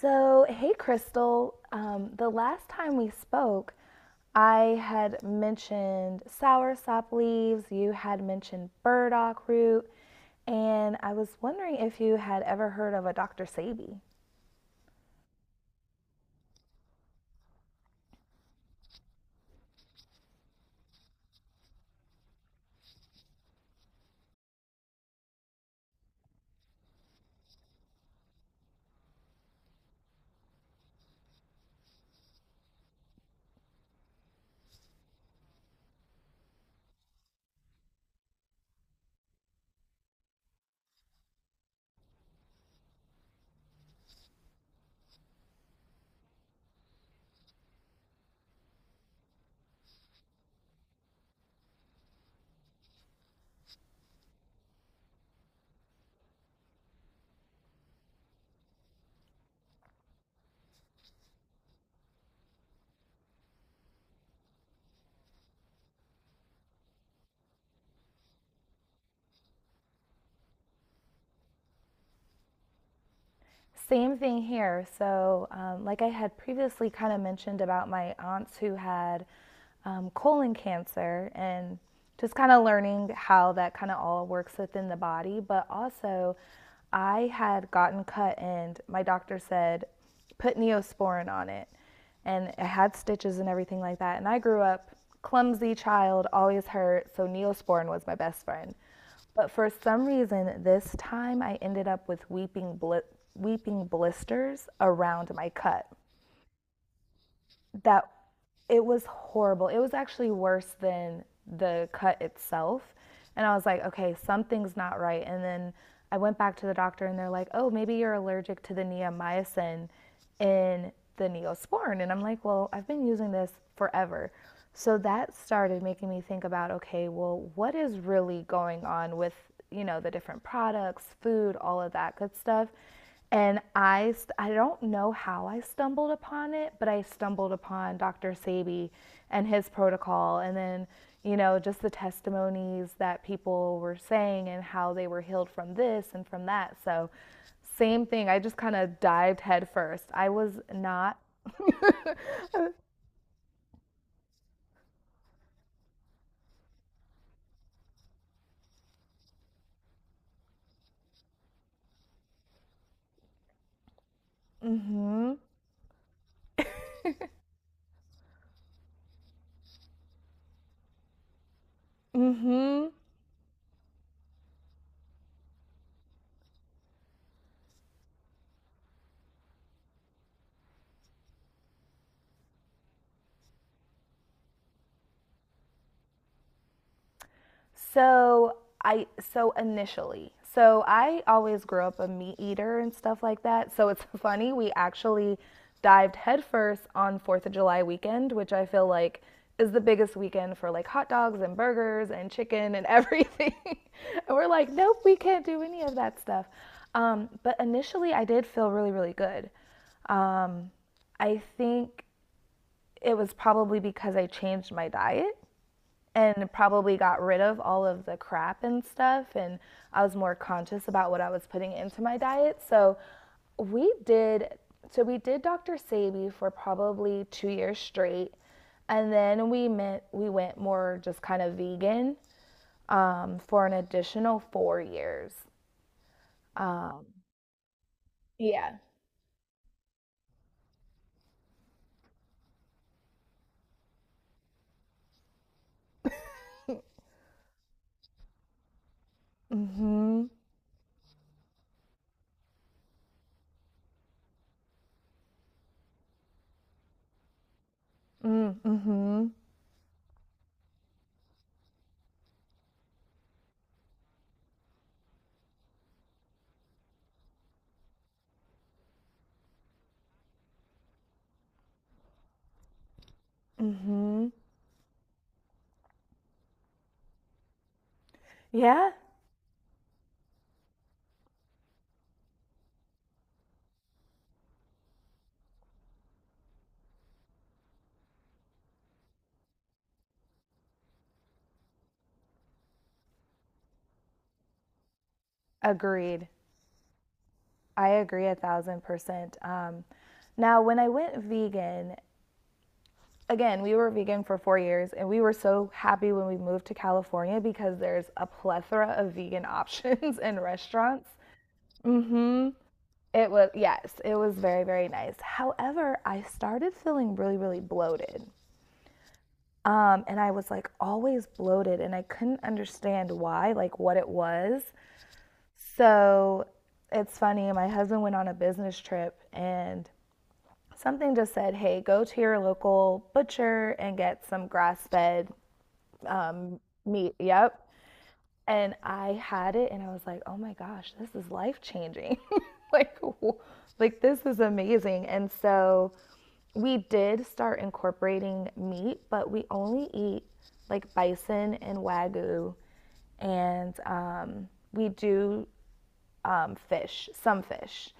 So, hey, Crystal. The last time we spoke, I had mentioned sour sop leaves, you had mentioned burdock root, and I was wondering if you had ever heard of a Dr. Sabi. Same thing here. So, like I had previously mentioned about my aunts who had colon cancer and just kind of learning how that kind of all works within the body. But also, I had gotten cut, and my doctor said, put neosporin on it. And I had stitches and everything like that. And I grew up clumsy child, always hurt. So, neosporin was my best friend. But for some reason, this time I ended up with weeping blisters around my cut that it was horrible. It was actually worse than the cut itself. And I was like, okay, something's not right. And then I went back to the doctor and they're like, oh, maybe you're allergic to the neomycin in the neosporin. And I'm like, well, I've been using this forever. So that started making me think about, okay, well, what is really going on with, you know, the different products, food, all of that good stuff. And I don't know how I stumbled upon it, but I stumbled upon Dr. Sabi and his protocol, and then, you know, just the testimonies that people were saying and how they were healed from this and from that. So, same thing. I just kind of dived headfirst. I was not. Mm hmm. Mm hmm. So I so initially. So I always grew up a meat eater and stuff like that. So it's funny we actually dived headfirst on 4th of July weekend, which I feel like is the biggest weekend for like hot dogs and burgers and chicken and everything. And we're like, nope, we can't do any of that stuff. But initially, I did feel really, really good. Um, I think it was probably because I changed my diet and probably got rid of all of the crap and stuff and I was more conscious about what I was putting into my diet. So we did we did Dr. Sabi for probably 2 years straight and then we went more just kind of vegan for an additional 4 years. Um, yeah. Mhm. Mm, mhm. Mhm. Yeah. Agreed. I agree 1,000%. Now, when I went vegan, again, we were vegan for 4 years, and we were so happy when we moved to California because there's a plethora of vegan options and restaurants. Hmm. It was, yes, it was very, very nice. However, I started feeling really, really bloated. And I was like always bloated, and I couldn't understand why, like what it was. So it's funny, my husband went on a business trip and something just said, hey, go to your local butcher and get some grass fed meat. Yep. And I had it and I was like, "Oh my gosh, this is life-changing." Like like this is amazing. And so we did start incorporating meat, but we only eat like bison and wagyu and we do fish, some fish.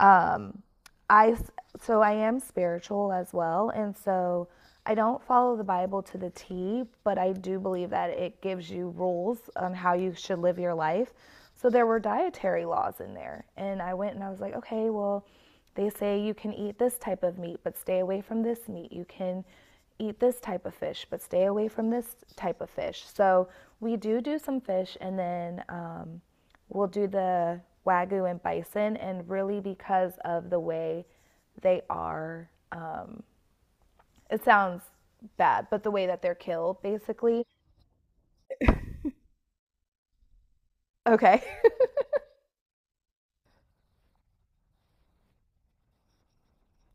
Um, I s- so I am spiritual as well, and so I don't follow the Bible to the T, but I do believe that it gives you rules on how you should live your life. So there were dietary laws in there, and I went and I was like, okay, well, they say you can eat this type of meat, but stay away from this meat. You can eat this type of fish, but stay away from this type of fish. So we do do some fish, and then we'll do the wagyu and bison, and really because of the way they are, it sounds bad, but the way that they're killed, basically. Okay.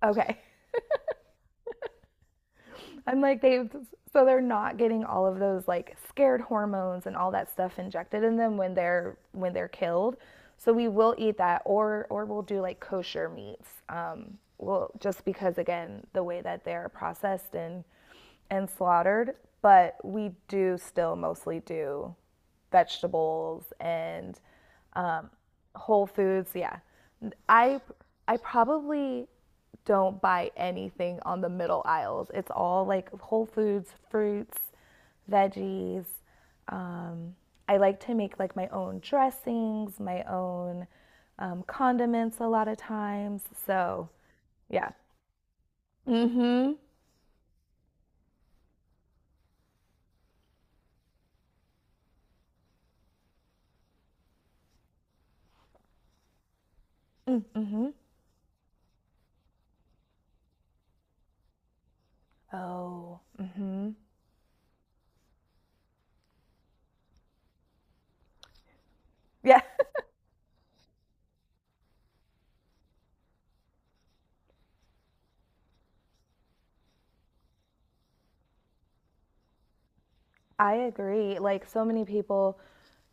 Okay. I'm like they so they're not getting all of those like scared hormones and all that stuff injected in them when they're killed. So we will eat that or we'll do like kosher meats. Well, just because again the way that they're processed and slaughtered, but we do still mostly do vegetables and um, Whole Foods. Yeah, I I probably don't buy anything on the middle aisles. It's all like Whole Foods, fruits, veggies. Um, I like to make like my own dressings, my own condiments a lot of times. So, yeah. Mm-hmm. Mm-hmm. Oh. Mm-hmm. Yeah. I agree. Like so many people,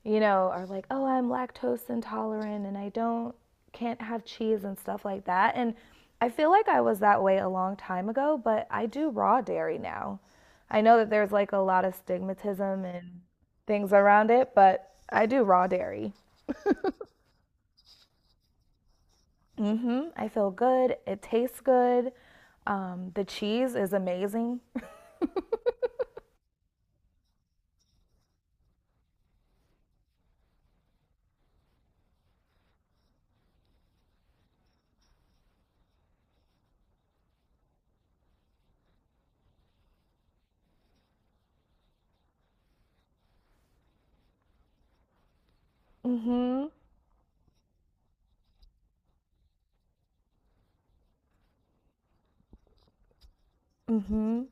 you know, are like, "Oh, I'm lactose intolerant and I don't can't have cheese and stuff like that." And I feel like I was that way a long time ago, but I do raw dairy now. I know that there's like a lot of stigmatism and things around it, but I do raw dairy. Mhm. I feel good. It tastes good. The cheese is amazing. Mhm. Mhm.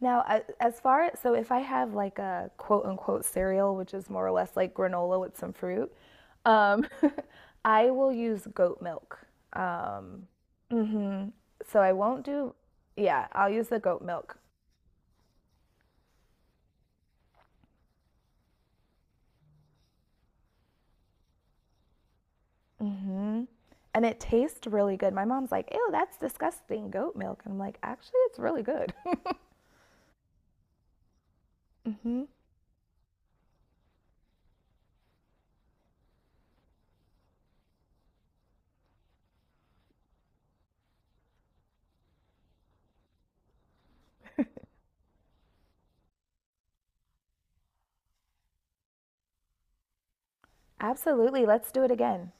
Now, as far so if I have like a quote unquote cereal, which is more or less like granola with some fruit, um, I will use goat milk. Um, mhm. So I won't do, yeah, I'll use the goat milk. Hmm. And it tastes really good. My mom's like, ew, that's disgusting, goat milk. And I'm like, actually, it's really good. Hmm. Absolutely. Let's do it again.